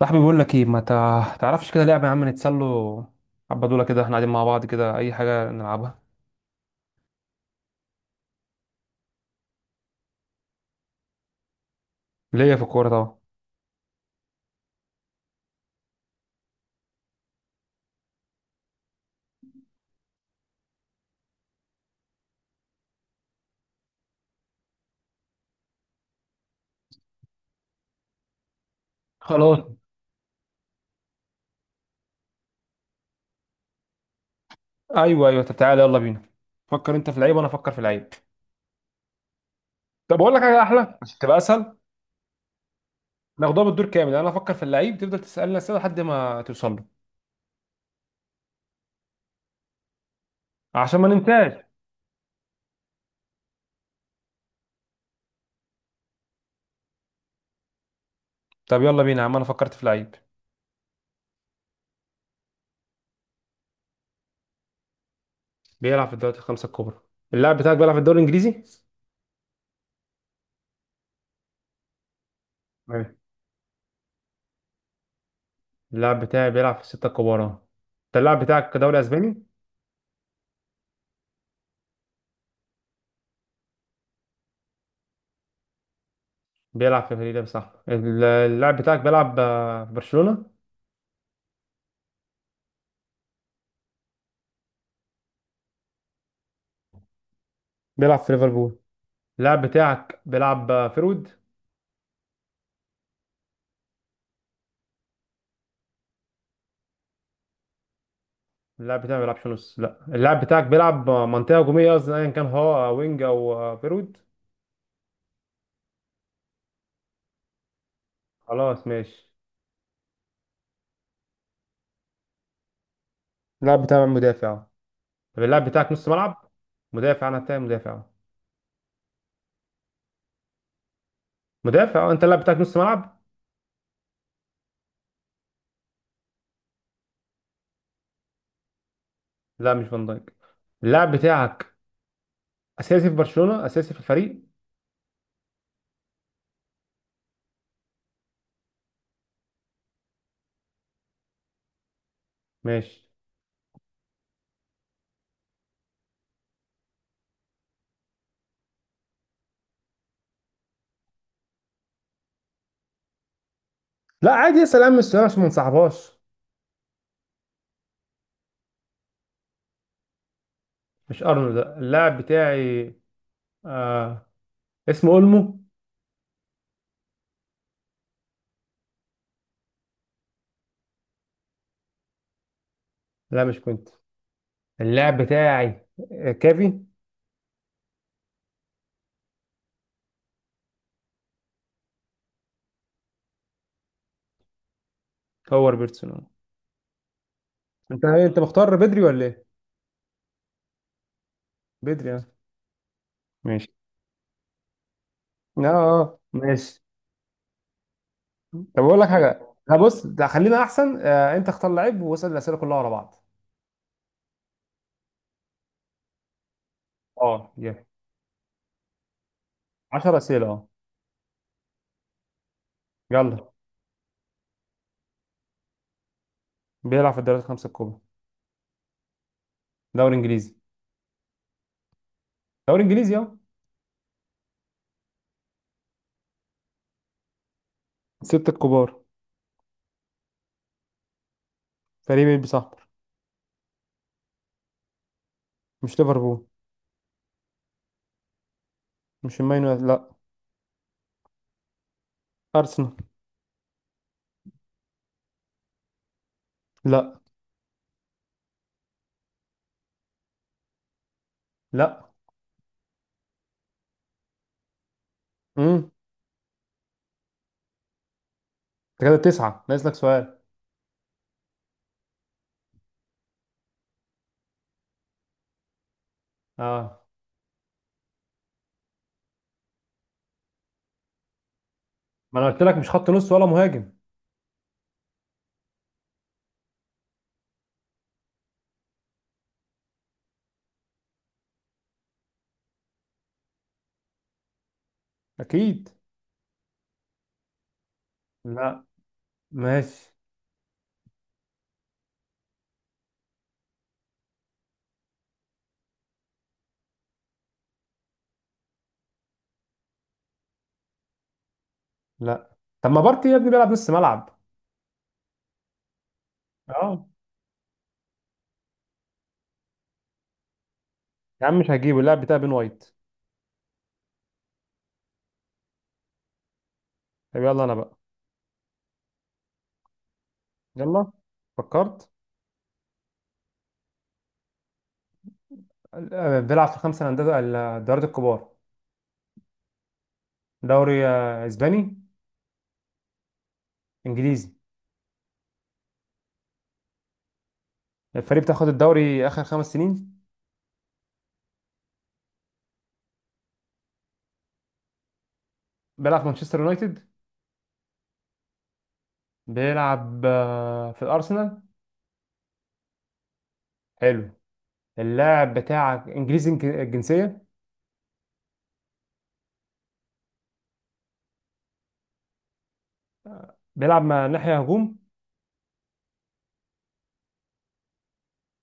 صاحبي بيقول لك ايه، ما تعرفش كده لعبه يا عم نتسلوا. حبه دول كده احنا قاعدين مع بعض، كده اي حاجه نلعبها. ليا في الكوره طبعا. خلاص. ايوه ايوه، طب تعالى يلا بينا. فكر انت في اللعيب وانا افكر في اللعيب. طب اقول لك حاجه احلى عشان تبقى اسهل. ناخدها بالدور كامل، انا افكر في اللعيب تفضل تسالني اسئله لحد ما توصل له. عشان ما ننساش. طب يلا بينا يا عم، انا فكرت في لعيب. بيلعب في الدوري الخمسه الكبرى. اللاعب بتاعك بيلعب في الدوري الانجليزي؟ ايوه. اللاعب بتاعي بيلعب في السته الكبار اه. انت اللاعب بتاعك دوري اسباني؟ بيلعب في فريق ده صح. اللاعب بتاعك بيلعب في برشلونة. بيلعب في ليفربول. اللاعب بتاعك بيلعب فيرود. اللاعب بتاعك ما بيلعبش نص، لا اللاعب بتاعك بيلعب منطقة هجومية قصدي ايا كان، هو وينج او فيرود. خلاص ماشي. اللاعب بتاعك مدافع؟ طب اللاعب بتاعك نص ملعب؟ مدافع. انا بتاعي مدافع. مدافع انت اللاعب بتاعك نص ملعب. لا مش فان دايك. اللاعب بتاعك اساسي في برشلونة، اساسي في الفريق. ماشي. لا عادي اسال امس عشان ما نصاحبهاش. مش ارنولد لا. اللاعب بتاعي آه. اسمه اولمو. لا مش كنت. اللاعب بتاعي كافي. هو روبرتسون آه. انت ايه، انت مختار بدري ولا ايه؟ بدري اه. ماشي. اه، ماشي. طب اقول لك حاجه. لا بص ده خلينا احسن انت اختار لعيب واسال الاسئله كلها ورا بعض. اه جه 10 اسئله اه. يلا. بيلعب في الدوريات الخمسه الكبرى. دوري انجليزي. دوري انجليزي اه. ستة الكبار. فريق بيلبس احمر. مش ليفربول. مش المان يونايتد لا. ارسنال. لا. لا. امم. انت كده تسعة ناقص لك سؤال. اه، ما انا قلت لك مش خط نص ولا مهاجم. اكيد. لا. ماشي. لا. طب ما بارتي يا ابني بيلعب نص ملعب. اه. يا عم مش هجيبه، اللاعب بتاع بين وايت. طب يلا انا بقى. يلا. فكرت. بيلعب في الخمسه الانديه الدوريات الكبار. دوري اسباني. انجليزي. الفريق بتاخد الدوري اخر خمس سنين. بيلعب في مانشستر يونايتد. بيلعب في الارسنال. حلو. اللاعب بتاعك انجليزي الجنسيه. بيلعب مع ناحيه هجوم.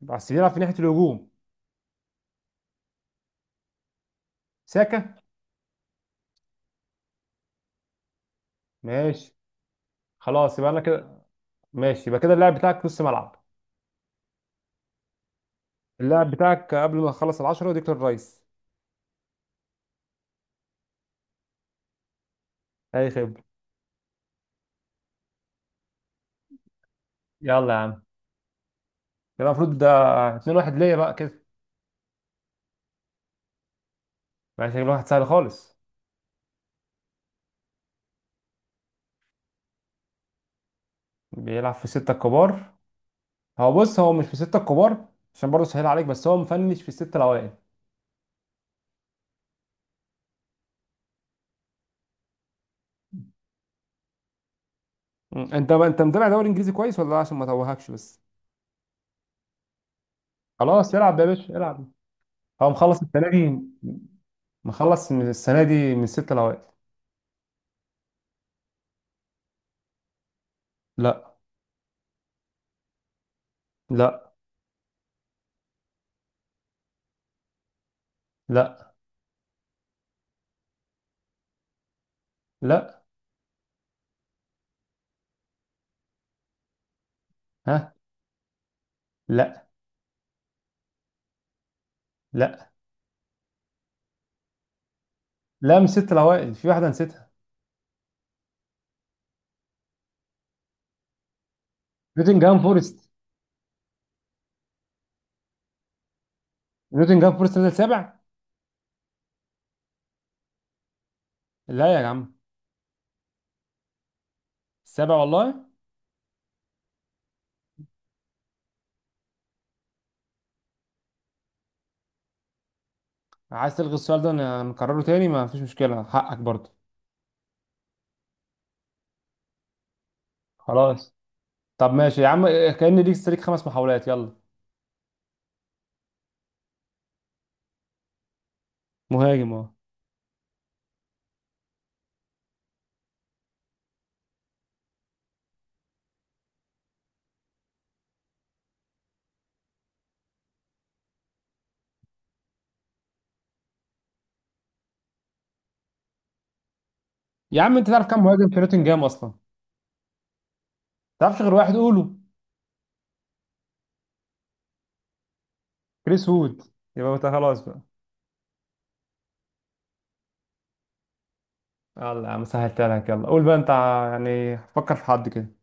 بس بيلعب في ناحيه الهجوم. ساكا. ماشي. خلاص يبقى انا كده. ماشي، يبقى كده اللاعب بتاعك نص ملعب. اللاعب بتاعك قبل ما تخلص العشرة ديكلان رايس. اي خبرة. يلا يا عم. كده المفروض ده 2-1 ليا بقى كده. ماشي، شكل واحد سهل خالص. بيلعب في الستة الكبار. هو بص، هو مش في الستة الكبار. عشان برضه سهل عليك، بس هو مفنش في الستة الاوائل. مم. انت بقى انت متابع دوري انجليزي كويس ولا لا؟ عشان ما توهكش بس. خلاص العب يا باشا العب. هو مخلص السنة دي. مخلص من السنة دي من الستة الاوائل. لا. لا. لا. لا. ها. لا. لا. لا مش ست الاوائل، في واحده نسيتها. نوتنجهام فورست. نوتنجهام فورست نزل سابع. لا يا عم. السابع والله. عايز تلغي السؤال ده، نكرره تاني ما فيش مشكله حقك برضه. خلاص. طب ماشي يا عم. كأن ليك خمس محاولات يلا. مهاجم اهو. يا عم انت تعرف كام مهاجم في نوتنجهام اصلا، ما تعرفش غير واحد قوله. كريس وود. يبقى انت خلاص بقى. يلا يا عم سهلتها لك، يلا قول بقى انت يعني فكر في حد كده.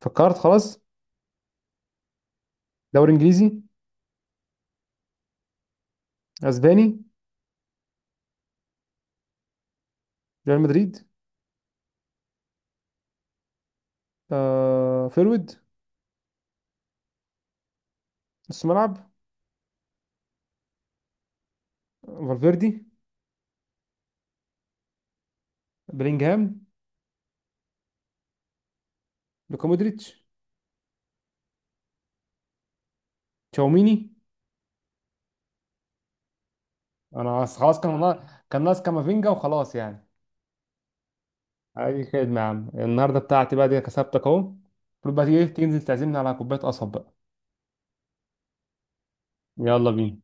فكرت خلاص. دوري انجليزي. اسباني. ريال مدريد. فيرويد. نص ملعب. فالفيردي. بلينجهام. لوكا مودريتش. تشاوميني. انا خلاص، كان والله كان ناقص كامافينجا وخلاص يعني. ادي خدمة يا عم النهارده بتاعتي بقى دي، كسبتك اهو. المفروض بقى تيجي تنزل تعزمني على كوبايه قصب بقى. يلا بينا.